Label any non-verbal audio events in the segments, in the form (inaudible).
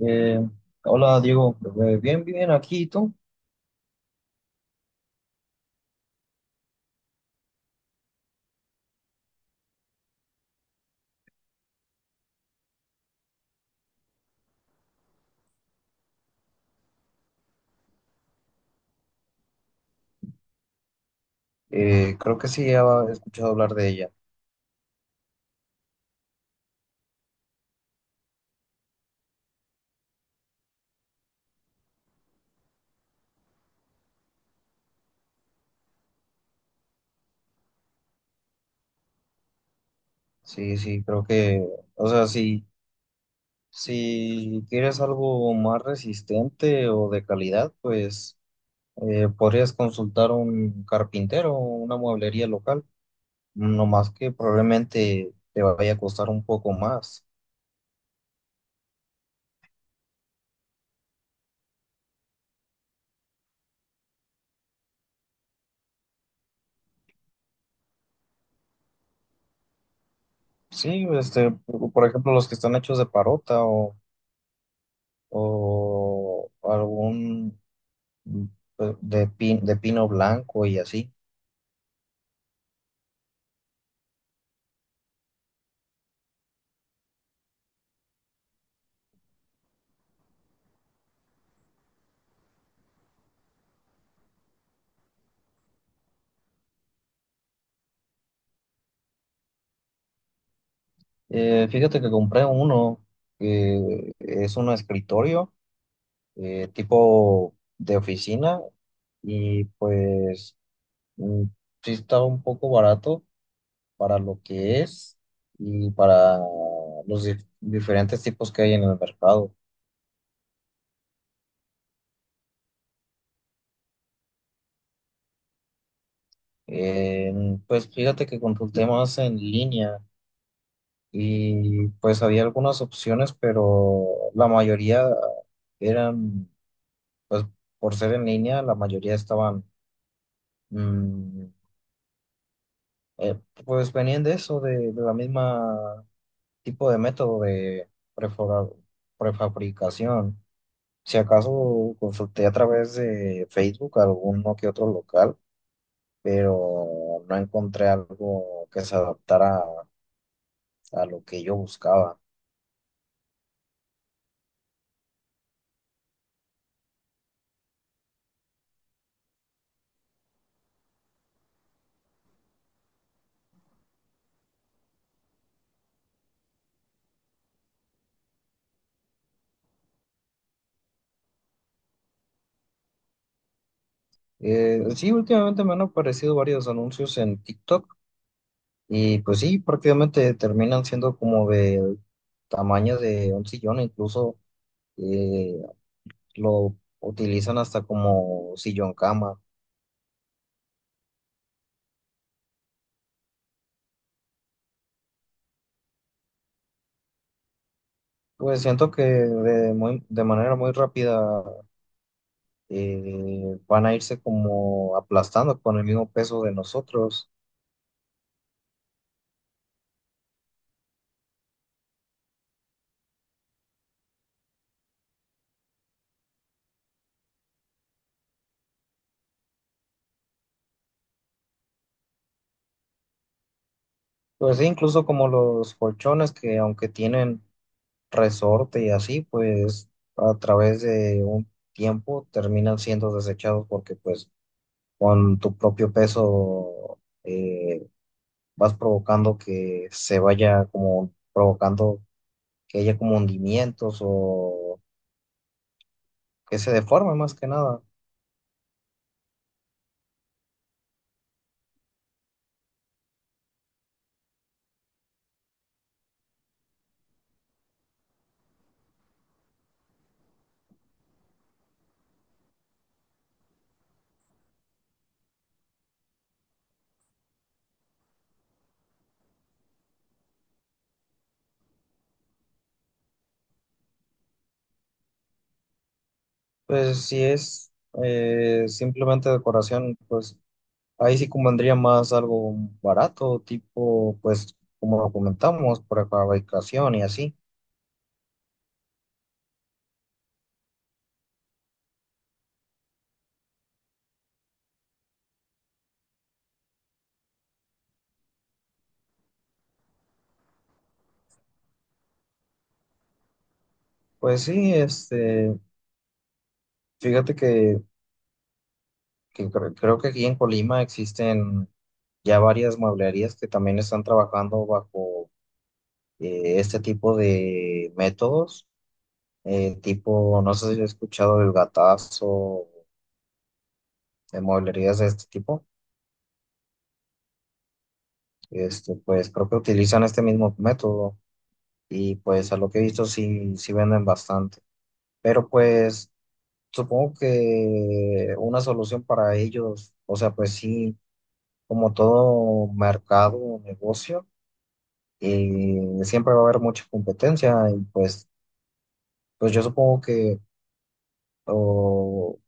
Eh, Hola Diego. Bien, bien, aquí ¿y tú? Creo que sí, he escuchado hablar de ella. Sí, sí, creo que, o sea, si, si quieres algo más resistente o de calidad, pues podrías consultar a un carpintero o una mueblería local, no más que probablemente te vaya a costar un poco más. Sí, este, por ejemplo, los que están hechos de parota o algún mm, de pino blanco y así. Fíjate que compré uno que es un escritorio, tipo de oficina, y pues mm, sí estaba un poco barato para lo que es y para los diferentes tipos que hay en el mercado. Eh, pues fíjate que consulté más en línea y pues había algunas opciones, pero la mayoría eran, pues por ser en línea, la mayoría estaban, mm, eh, pues venían de eso, de la misma tipo de método de prefora- prefabricación. Si acaso consulté a través de Facebook alguno que otro local, pero no encontré algo que se adaptara a lo que yo buscaba. Sí, últimamente me han aparecido varios anuncios en TikTok. Y pues sí, prácticamente terminan siendo como de tamaño de un sillón, incluso eh, lo utilizan hasta como sillón cama. Pues siento que de, de manera muy rápida van a irse como aplastando con el mismo peso de nosotros. Pues sí, incluso como los colchones que aunque tienen resorte y así, pues a través de un tiempo terminan siendo desechados porque pues con tu propio peso vas provocando que se vaya como provocando que haya como hundimientos o que se deforme más que nada. Pues si es simplemente decoración, pues ahí sí convendría más algo barato, tipo, pues como lo comentamos, por fabricación y así. Pues sí, este, fíjate que creo que aquí en Colima existen ya varias mueblerías que también están trabajando bajo este tipo de métodos, tipo, no sé si he escuchado el gatazo, de mueblerías de este tipo. Este, pues creo que utilizan este mismo método y pues a lo que he visto sí, sí venden bastante, pero pues supongo que una solución para ellos, o sea, pues sí, como todo mercado o negocio y siempre va a haber mucha competencia y pues, pues yo supongo que o,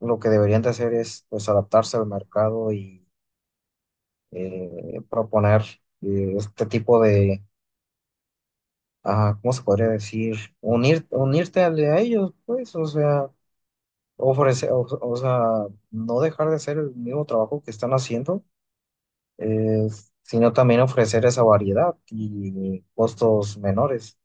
lo que deberían de hacer es pues adaptarse al mercado y proponer este tipo de, ah, ¿cómo se podría decir? Unirte a ellos, pues, o sea, ofrecer, o sea, no dejar de hacer el mismo trabajo que están haciendo, eh, sino también ofrecer esa variedad y costos menores.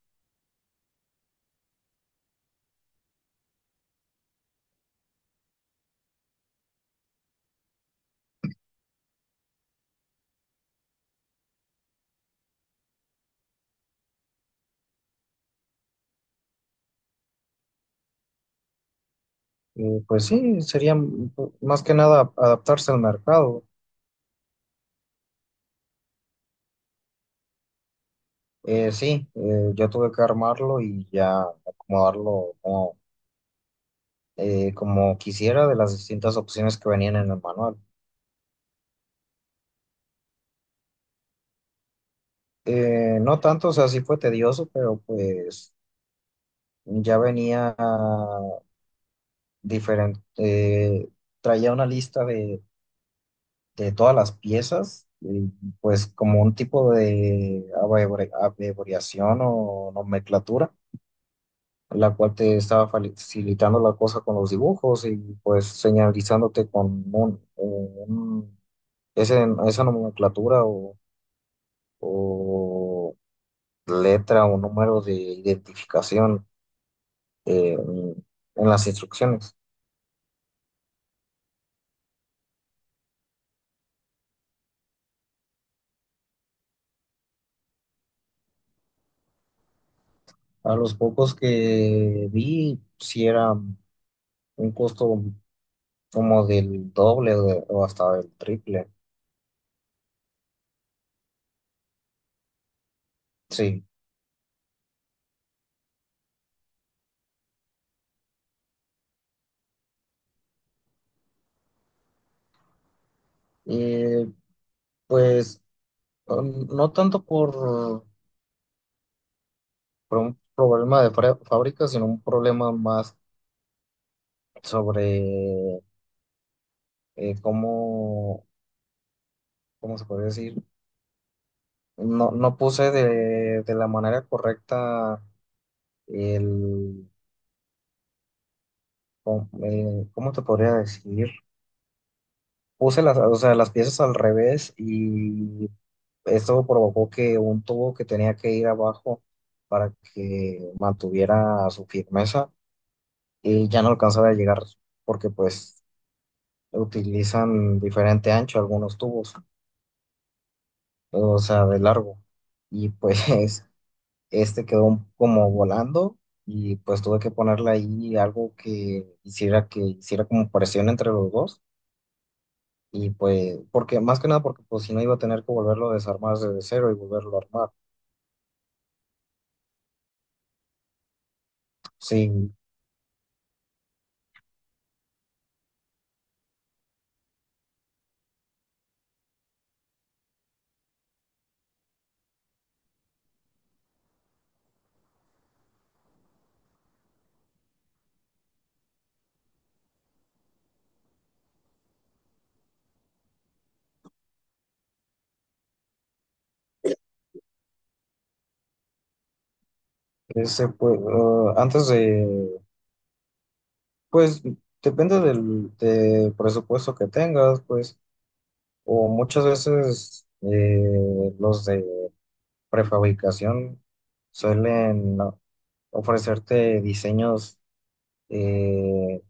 Y pues sí, sería más que nada adaptarse al mercado. Sí, yo tuve que armarlo y ya acomodarlo como, como quisiera de las distintas opciones que venían en el manual. No tanto, o sea, sí fue tedioso, pero pues ya venía diferente. Traía una lista de todas las piezas, y, pues como un tipo de abreviación o nomenclatura, la cual te estaba facilitando la cosa con los dibujos y pues señalizándote con esa nomenclatura o letra o número de identificación eh, en las instrucciones. A los pocos que vi, si era un costo como del doble o hasta del triple, sí. Eh, pues no tanto por un problema de fábrica, sino un problema más sobre cómo, ¿cómo se podría decir? No, no puse de la manera correcta el, ¿cómo te podría decir? Puse las, o sea, las piezas al revés y esto provocó que un tubo que tenía que ir abajo para que mantuviera su firmeza y ya no alcanzaba a llegar porque pues utilizan diferente ancho algunos tubos, o sea, de largo. Y pues (laughs) este quedó como volando y pues tuve que ponerle ahí algo que hiciera como presión entre los dos. Y pues, porque más que nada, porque pues si no iba a tener que volverlo a desarmar desde cero y volverlo a armar. Sí, ese pues, antes de, pues depende del, del presupuesto que tengas, pues, o muchas veces los de prefabricación suelen, ¿no?, ofrecerte diseños, eh,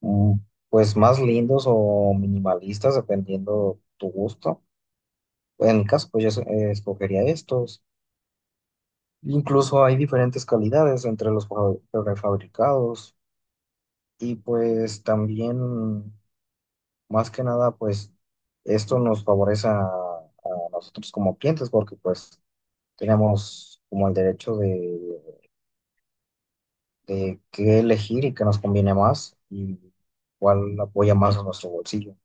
mm, pues más lindos o minimalistas dependiendo tu gusto. En mi caso, pues yo escogería estos. Incluso hay diferentes calidades entre los prefabricados y pues también más que nada pues esto nos favorece a nosotros como clientes porque pues tenemos como el derecho de qué elegir y qué nos conviene más y cuál apoya más a nuestro bolsillo.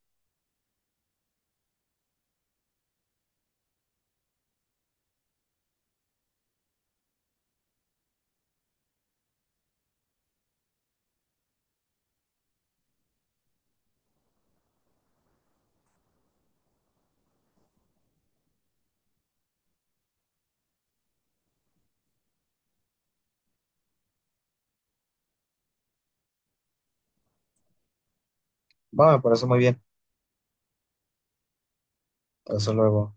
Va, me parece muy bien. Hasta luego.